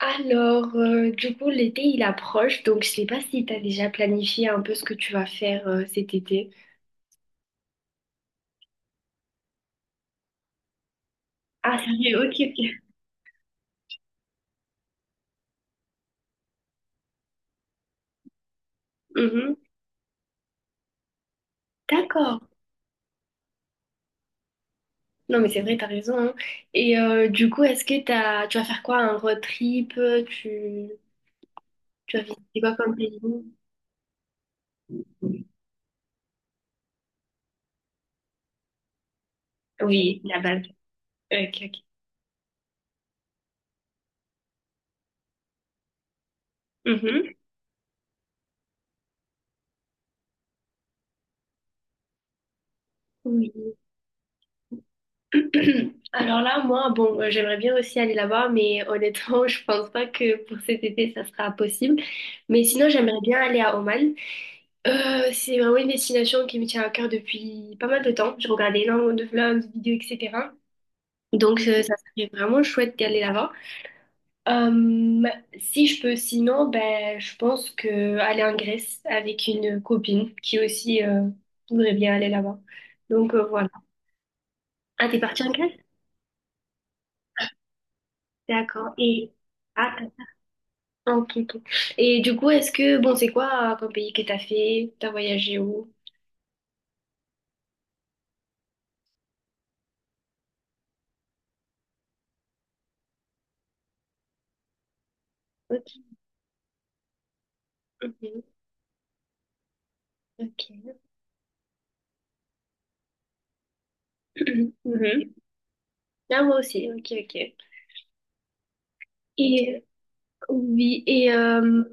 Alors, du coup, l'été, il approche, donc je sais pas si tu as déjà planifié un peu ce que tu vas faire cet été. Ah, sérieux, ok, ok. Mhm. D'accord. Non, mais c'est vrai, t'as raison, hein. Et du coup, tu vas faire quoi? Un road trip? Tu vas visiter quoi comme pays? Oui, la base. Ok, ok. Mhm. Oui. Alors là, moi, bon, j'aimerais bien aussi aller là-bas, mais honnêtement, je pense pas que pour cet été, ça sera possible. Mais sinon, j'aimerais bien aller à Oman. C'est vraiment une destination qui me tient à cœur depuis pas mal de temps. Je regardais énormément de vlogs, de vidéos, etc. Donc, ça serait vraiment chouette d'aller là-bas. Euh, si je peux, sinon, ben, je pense que aller en Grèce avec une copine qui aussi voudrait bien aller là-bas. Donc, voilà. Ah, t'es partie en Grèce? D'accord. Ah, ah, ok, ok. Et du coup, est-ce que, bon, c'est quoi comme pays que t'as fait? T'as voyagé où? Ok. Mhm. Ok. Mhm. Ah, moi aussi, ok, ok. Et oui, et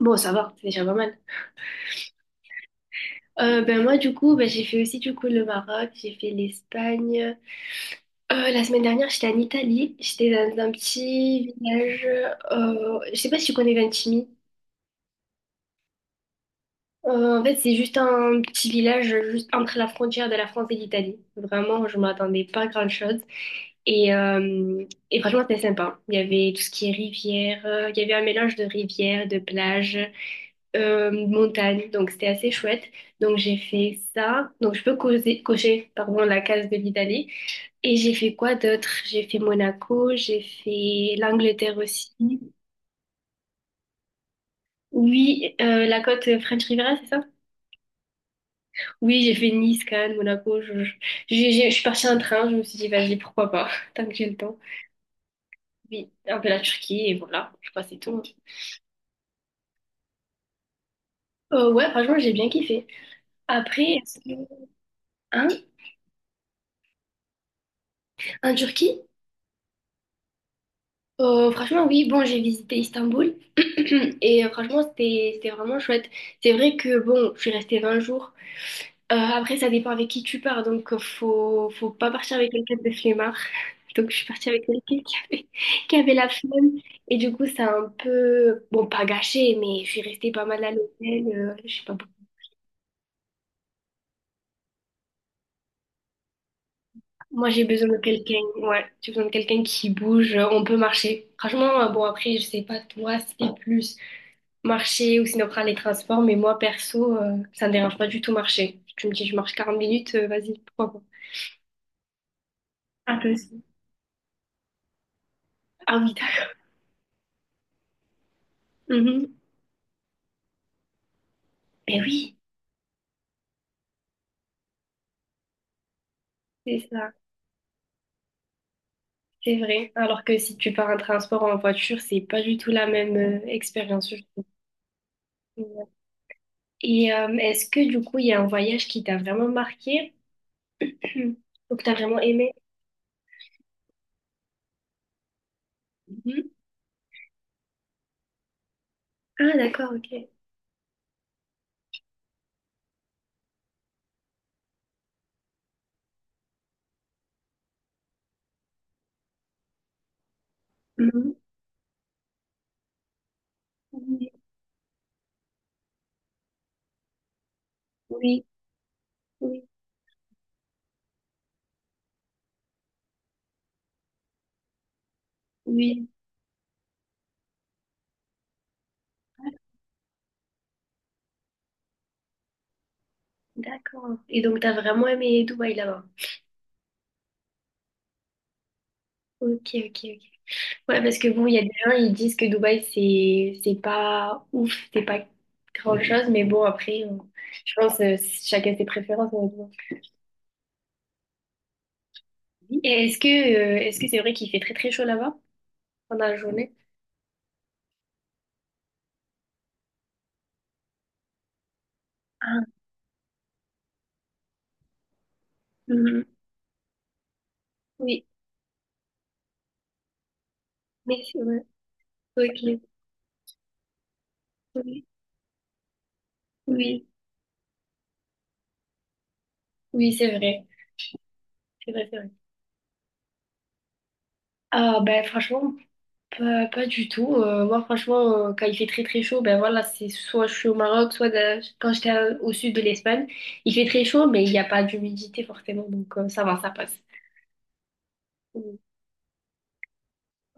bon, ça va, c'est déjà pas mal. Ben moi, du coup, ben, j'ai fait aussi du coup le Maroc, j'ai fait l'Espagne. La semaine dernière, j'étais en Italie, j'étais dans un petit village. Je sais pas si tu connais Ventimille. En fait, c'est juste un petit village juste entre la frontière de la France et l'Italie. Vraiment, je m'attendais pas à grand-chose. Et, euh, et franchement, c'était sympa. Il y avait tout ce qui est rivière, il y avait un mélange de rivière, de plage, montagne, donc c'était assez chouette. Donc j'ai fait ça. Donc je peux cocher, pardon, la case de l'Italie. Et j'ai fait quoi d'autre? J'ai fait Monaco, j'ai fait l'Angleterre aussi. Oui, la côte French Riviera, c'est ça? Oui, j'ai fait Nice, Cannes, Monaco. Je suis partie en train, je me suis dit, vas-y, pourquoi pas, tant que j'ai le temps. Oui, un peu la Turquie, et voilà, je crois que c'est tout, hein. Ouais, franchement, j'ai bien kiffé. Après, est-ce que... Hein? En Turquie? Franchement, oui, bon, j'ai visité Istanbul et franchement, c'était vraiment chouette. C'est vrai que, bon, je suis restée 20 jours. Après, ça dépend avec qui tu pars, donc faut pas partir avec quelqu'un de flemmard. Donc, je suis partie avec quelqu'un qui avait, qui avait la flemme et du coup, ça a un peu, bon, pas gâché, mais je suis restée pas mal à l'hôtel, je sais pas pourquoi. Moi, j'ai besoin de quelqu'un, ouais, j'ai besoin de quelqu'un qui bouge, on peut marcher. Franchement, bon, après, je sais pas, toi, c'était plus marcher ou sinon prendre les transports. Mais moi, perso, ça me dérange pas du tout marcher. Tu me dis, je marche 40 minutes, vas-y, pourquoi pas? Ah, toi aussi. Ah oui, d'accord. Mais oui, c'est ça, c'est vrai. Alors que si tu pars en transport ou en voiture, c'est pas du tout la même expérience, je trouve. Ouais. Et est-ce que du coup, il y a un voyage qui t'a vraiment marqué ou que t'as vraiment aimé? Mhm. Ah, d'accord, ok. Mhm. Oui, oui, oui, oui, d'accord. Et donc, t'as vraiment aimé Dubaï là-bas? Ok, ok, ok. Ouais, parce que bon, il y a des gens, ils disent que Dubaï, c'est pas ouf, c'est pas grand-chose, mais bon, après, je pense, chacun ses préférences. On Et est-ce que c'est vrai qu'il fait très très chaud là-bas pendant la journée? Ah, mhm. Oui, mais c'est vrai. Ok, oui, oui, oui, c'est vrai, c'est vrai, c'est vrai. Ah, ben franchement, pas, pas du tout. Moi, franchement, quand il fait très très chaud, ben voilà, c'est soit je suis au Maroc, soit quand j'étais au sud de l'Espagne, il fait très chaud, mais il n'y a pas d'humidité forcément, donc ça va, ça passe.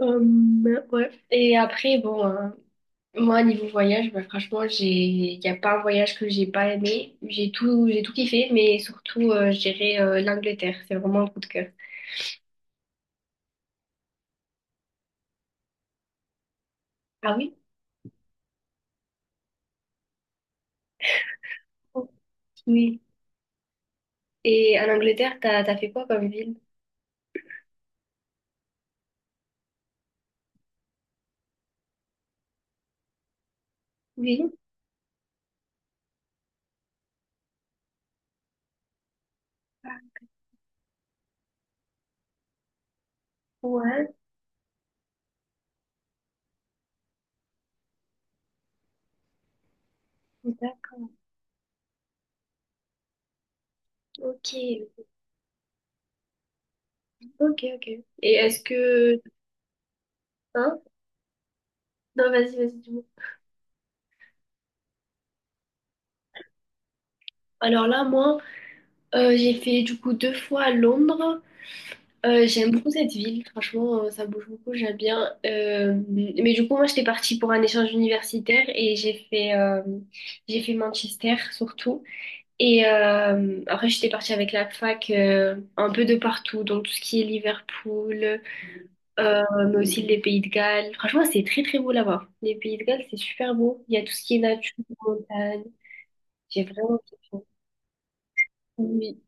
Ouais. Et après, bon, hein, moi, niveau voyage, ben, franchement, il n'y a pas un voyage que j'ai pas aimé. J'ai tout kiffé, mais surtout, je dirais l'Angleterre. C'est vraiment un coup de cœur. Ah oui? Oui. Et en Angleterre, t'as fait quoi comme ville? Oui. Ouais, d'accord. Ok. Ok, ok. Et est-ce que... Hein? Non, vas-y, vas-y, dis-moi. Alors là, moi, j'ai fait du coup deux fois Londres. J'aime beaucoup cette ville, franchement, ça bouge beaucoup, j'aime bien. Mais du coup, moi, j'étais partie pour un échange universitaire et j'ai fait Manchester surtout. Et après, j'étais partie avec la fac un peu de partout, donc tout ce qui est Liverpool, euh, mais aussi les Pays de Galles. Franchement, c'est très très beau là-bas. Les Pays de Galles, c'est super beau. Il y a tout ce qui est nature, montagne. J'ai vraiment kiffé. Oui,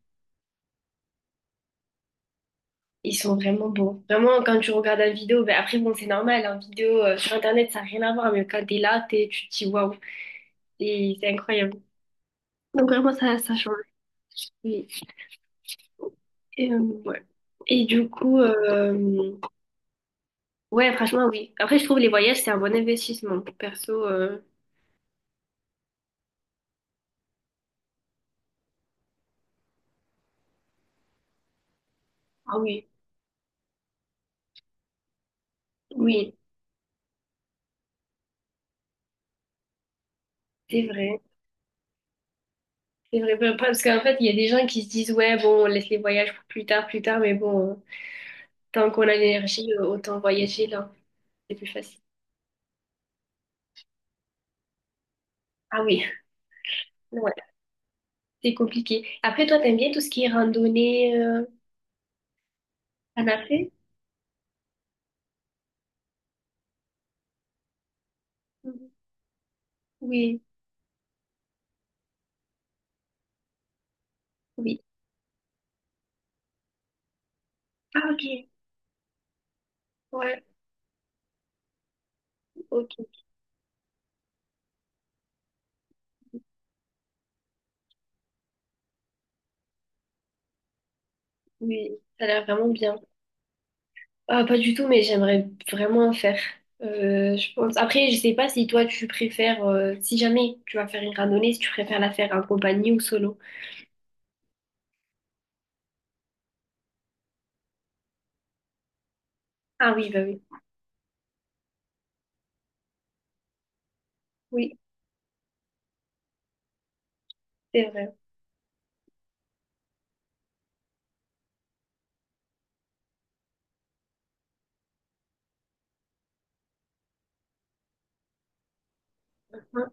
ils sont vraiment beaux. Vraiment, quand tu regardes la vidéo, ben après, bon, c'est normal, en vidéo sur Internet, ça n'a rien à voir, mais quand t'es là, tu te dis waouh, c'est incroyable. Donc, vraiment, ça change. Oui. Et, ouais. Et du coup, ouais, franchement, oui. Après, je trouve les voyages, c'est un bon investissement. Perso, ah oui, oui, c'est vrai. C'est vrai, ben, parce qu'en fait, il y a des gens qui se disent, ouais, bon, on laisse les voyages pour plus tard, mais bon, tant qu'on a l'énergie, autant voyager là, c'est plus facile. Ah oui. Ouais, c'est compliqué. Après, toi, t'aimes bien tout ce qui est randonnée, t'en as fait? Mhm. Oui, oui. Ah, ok. Ouais, ok. Oui, ça a l'air vraiment bien. Ah, pas du tout, mais j'aimerais vraiment en faire. Je pense. Après, je sais pas si toi, tu préfères, si jamais tu vas faire une randonnée, si tu préfères la faire en compagnie ou solo. Ah oui, bah oui. Oui, c'est vrai. Hein.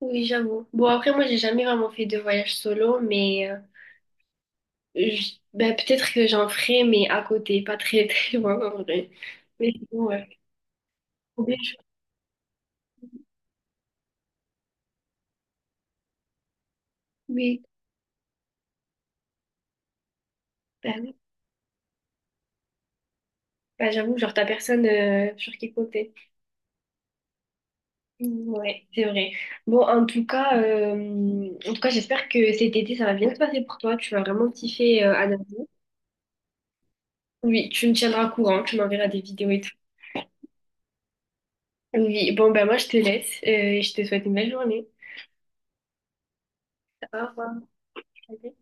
Oui, j'avoue. Bon, après, moi, j'ai jamais vraiment fait de voyage solo, mais ben, peut-être que j'en ferai, mais à côté, pas très très loin en vrai. Mais sinon, ouais. Ou bien, je- Oui, oui. Ben, j'avoue, genre t'as personne sur qui compter. Mm, ouais, c'est vrai. Bon, en tout cas, j'espère que cet été ça va bien se passer pour toi. Tu vas vraiment kiffer à Nagano. Oui, tu me tiendras au courant, tu m'enverras des vidéos et tout. Oui, bon, ben moi je te laisse, et je te souhaite une belle journée. Au revoir. Salut.